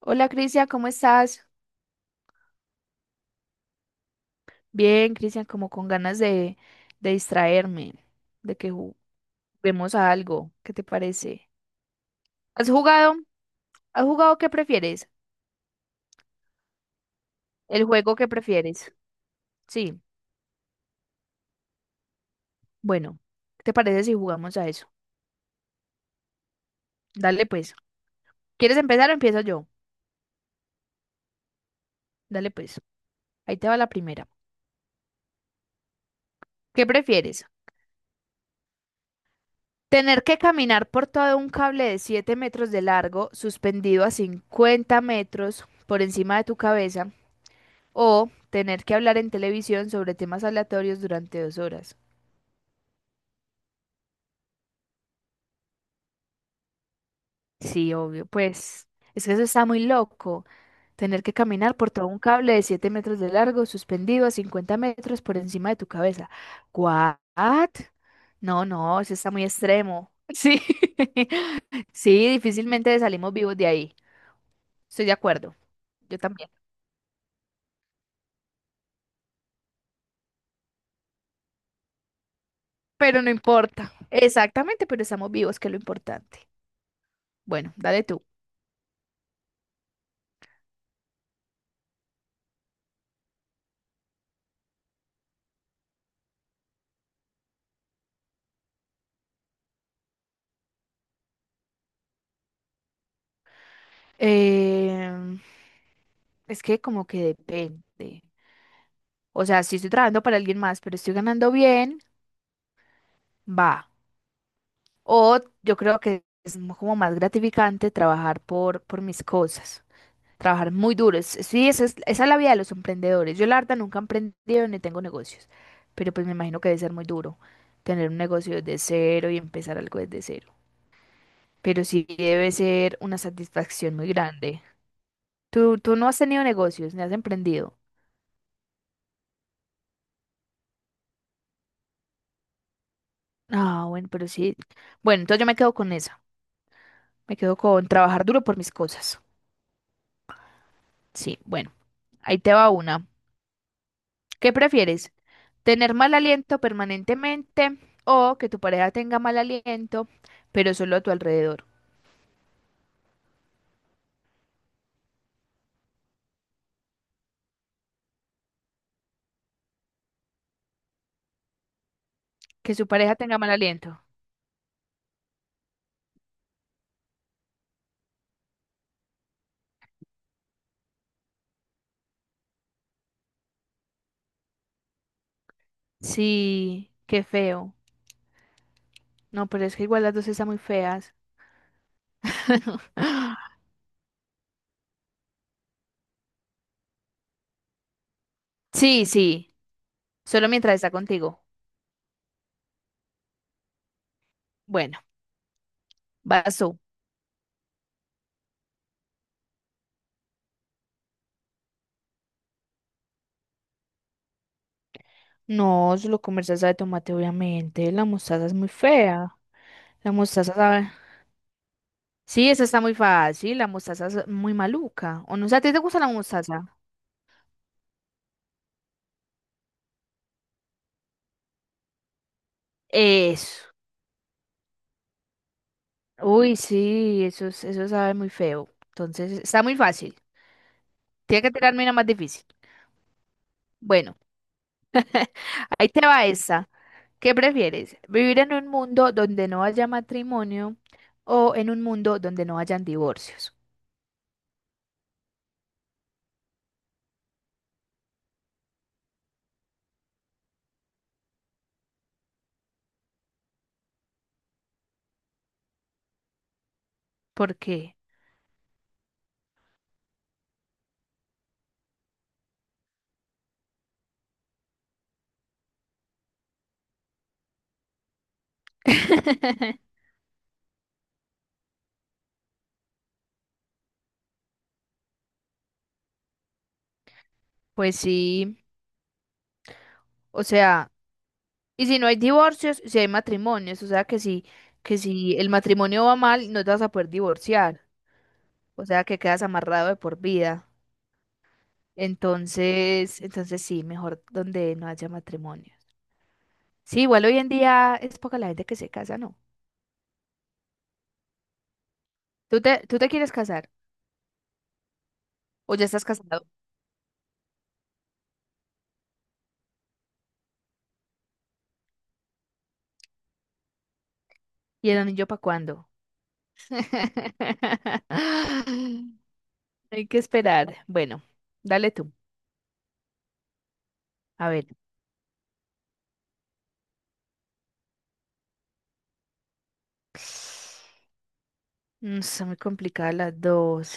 Hola Cristian, ¿cómo estás? Bien, Cristian, como con ganas de distraerme, de que juguemos a algo. ¿Qué te parece? ¿Has jugado? ¿Has jugado qué prefieres? ¿El juego que prefieres? Sí, bueno, ¿qué te parece si jugamos a eso? Dale pues. ¿Quieres empezar o empiezo yo? Dale pues. Ahí te va la primera. ¿Qué prefieres? ¿Tener que caminar por todo un cable de 7 metros de largo, suspendido a 50 metros por encima de tu cabeza? ¿O tener que hablar en televisión sobre temas aleatorios durante 2 horas? Sí, obvio, pues es que eso está muy loco. Tener que caminar por todo un cable de 7 metros de largo, suspendido a 50 metros por encima de tu cabeza. ¿What? No, no, eso está muy extremo. Sí, sí, difícilmente salimos vivos de ahí. Estoy de acuerdo, yo también. Pero no importa. Exactamente, pero estamos vivos, que es lo importante. Bueno, dale tú. Em, Es que como que depende. O sea, si estoy trabajando para alguien más, pero estoy ganando bien, va. O yo creo que es como más gratificante trabajar por mis cosas. Trabajar muy duro. Sí, esa es la vida de los emprendedores. Yo la verdad nunca he emprendido ni tengo negocios. Pero pues me imagino que debe ser muy duro tener un negocio desde cero y empezar algo desde cero. Pero sí debe ser una satisfacción muy grande. Tú no has tenido negocios, ni has emprendido. Ah, bueno, pero sí. Bueno, entonces yo me quedo con eso. Me quedo con trabajar duro por mis cosas. Sí, bueno, ahí te va una. ¿Qué prefieres? ¿Tener mal aliento permanentemente o que tu pareja tenga mal aliento, pero solo a tu alrededor? Que su pareja tenga mal aliento. Sí, qué feo. No, pero es que igual las dos están muy feas. Sí, sí, solo mientras está contigo. Bueno, vas tú. No, solo con salsa de tomate, obviamente. La mostaza es muy fea. La mostaza sabe. Sí, eso está muy fácil. La mostaza es muy maluca. ¿O no? O sea, ¿a ti te gusta la mostaza? Eso. Uy, sí, eso, eso sabe muy feo. Entonces, está muy fácil. Tiene que tirarme una más difícil. Bueno, ahí te va esta. ¿Qué prefieres? ¿Vivir en un mundo donde no haya matrimonio o en un mundo donde no hayan divorcios? ¿Por qué? Pues sí, o sea, y si no hay divorcios, si hay matrimonios, o sea que que si el matrimonio va mal, no te vas a poder divorciar. O sea, que quedas amarrado de por vida. Entonces sí, mejor donde no haya matrimonios. Sí, igual hoy en día es poca la gente que se casa, ¿no? ¿Tú te quieres casar? ¿O ya estás casado? ¿Y el anillo para cuándo? Hay que esperar. Bueno, dale tú. A ver. Mm, está muy complicada las dos.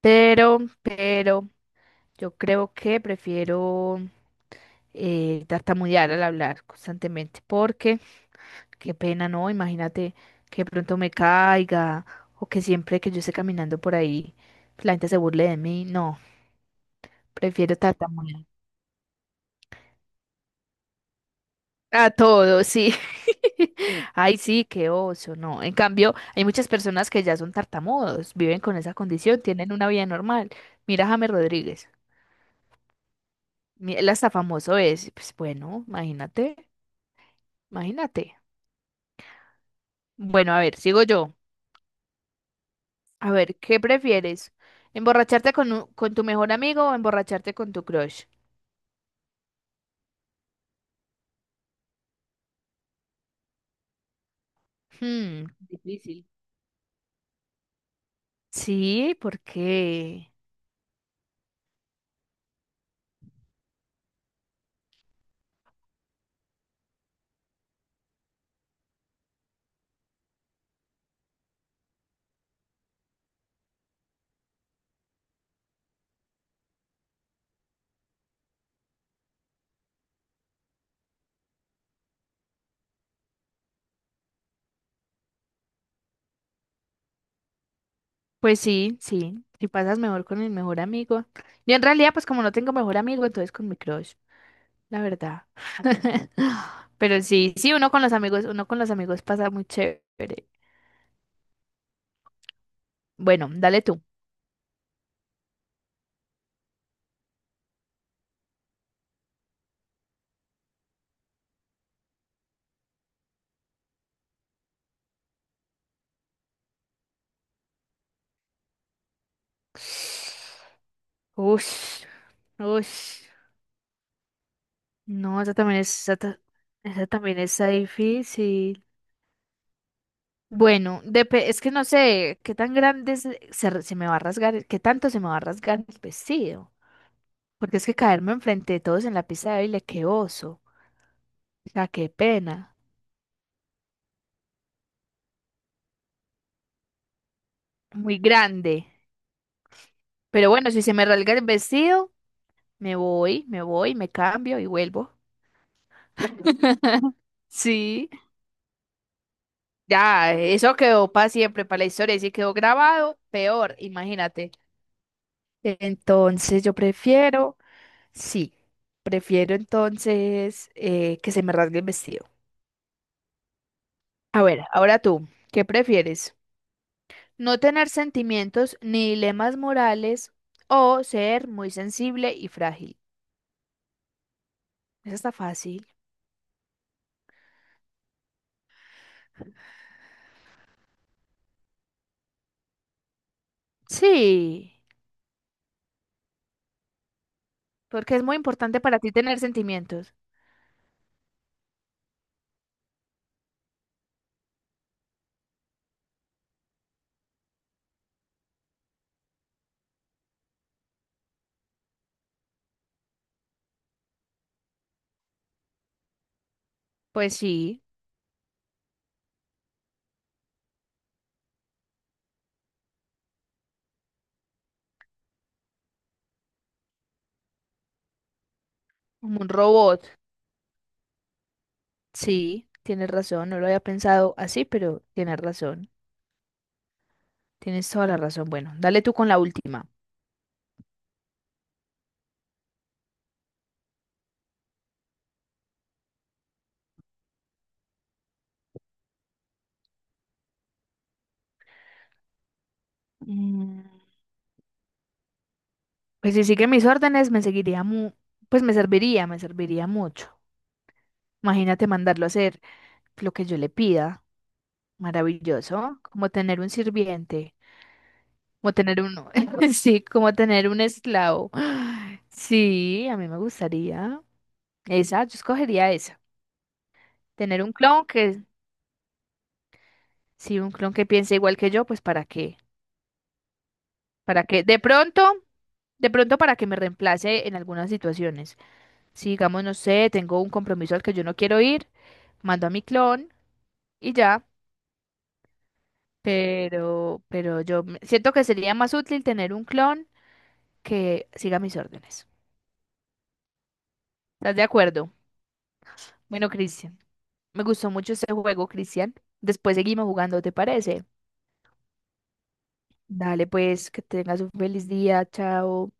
Pero, pero, yo creo que prefiero tartamudear al hablar constantemente. Porque qué pena, ¿no? Imagínate que de pronto me caiga o que siempre que yo esté caminando por ahí la gente se burle de mí. No, prefiero tartamudear. A todo, sí. Ay, sí, qué oso, no. En cambio, hay muchas personas que ya son tartamudos, viven con esa condición, tienen una vida normal. Mira a James Rodríguez, él hasta famoso es. Pues bueno, imagínate. Bueno, a ver, sigo yo. A ver, ¿qué prefieres? ¿Emborracharte con tu mejor amigo o emborracharte con tu crush? Hmm, difícil. Sí, porque, pues sí, sí, si pasas mejor con el mejor amigo. Yo en realidad, pues como no tengo mejor amigo, entonces con mi crush, la verdad. Pero sí, sí, uno con los amigos pasa muy chévere. Bueno, dale tú. Ush, ush. No, esa también es, esa también está difícil. Bueno, es que no sé qué tan grande se me va a rasgar, qué tanto se me va a rasgar el vestido. Porque es que caerme enfrente de todos en la pista de baile, qué oso. O sea, qué pena. Muy grande. Pero bueno, si se me rasga el vestido, me cambio y vuelvo. Sí, ya, eso quedó para siempre, para la historia. Y si quedó grabado, peor, imagínate. Entonces yo prefiero, sí, prefiero entonces que se me rasgue el vestido. A ver, ahora tú, ¿qué prefieres? ¿No tener sentimientos ni dilemas morales o ser muy sensible y frágil? Eso está fácil. Sí, porque es muy importante para ti tener sentimientos. Pues sí, como un robot. Sí, tienes razón, no lo había pensado así, pero tienes razón. Tienes toda la razón. Bueno, dale tú con la última. Mm. Pues si sigue mis órdenes, pues me serviría mucho. Imagínate mandarlo a hacer lo que yo le pida. Maravilloso. Como tener un sirviente, como tener uno, sí, como tener un esclavo. Sí, a mí me gustaría. Esa, yo escogería esa. Tener un clon que, sí, un clon que piense igual que yo, pues para qué. De pronto para que me reemplace en algunas situaciones. Si digamos, no sé, tengo un compromiso al que yo no quiero ir, mando a mi clon y ya, yo siento que sería más útil tener un clon que siga mis órdenes. ¿Estás de acuerdo? Bueno, Cristian, me gustó mucho este juego, Cristian. Después seguimos jugando, ¿te parece? Dale, pues, que tengas un feliz día, chao.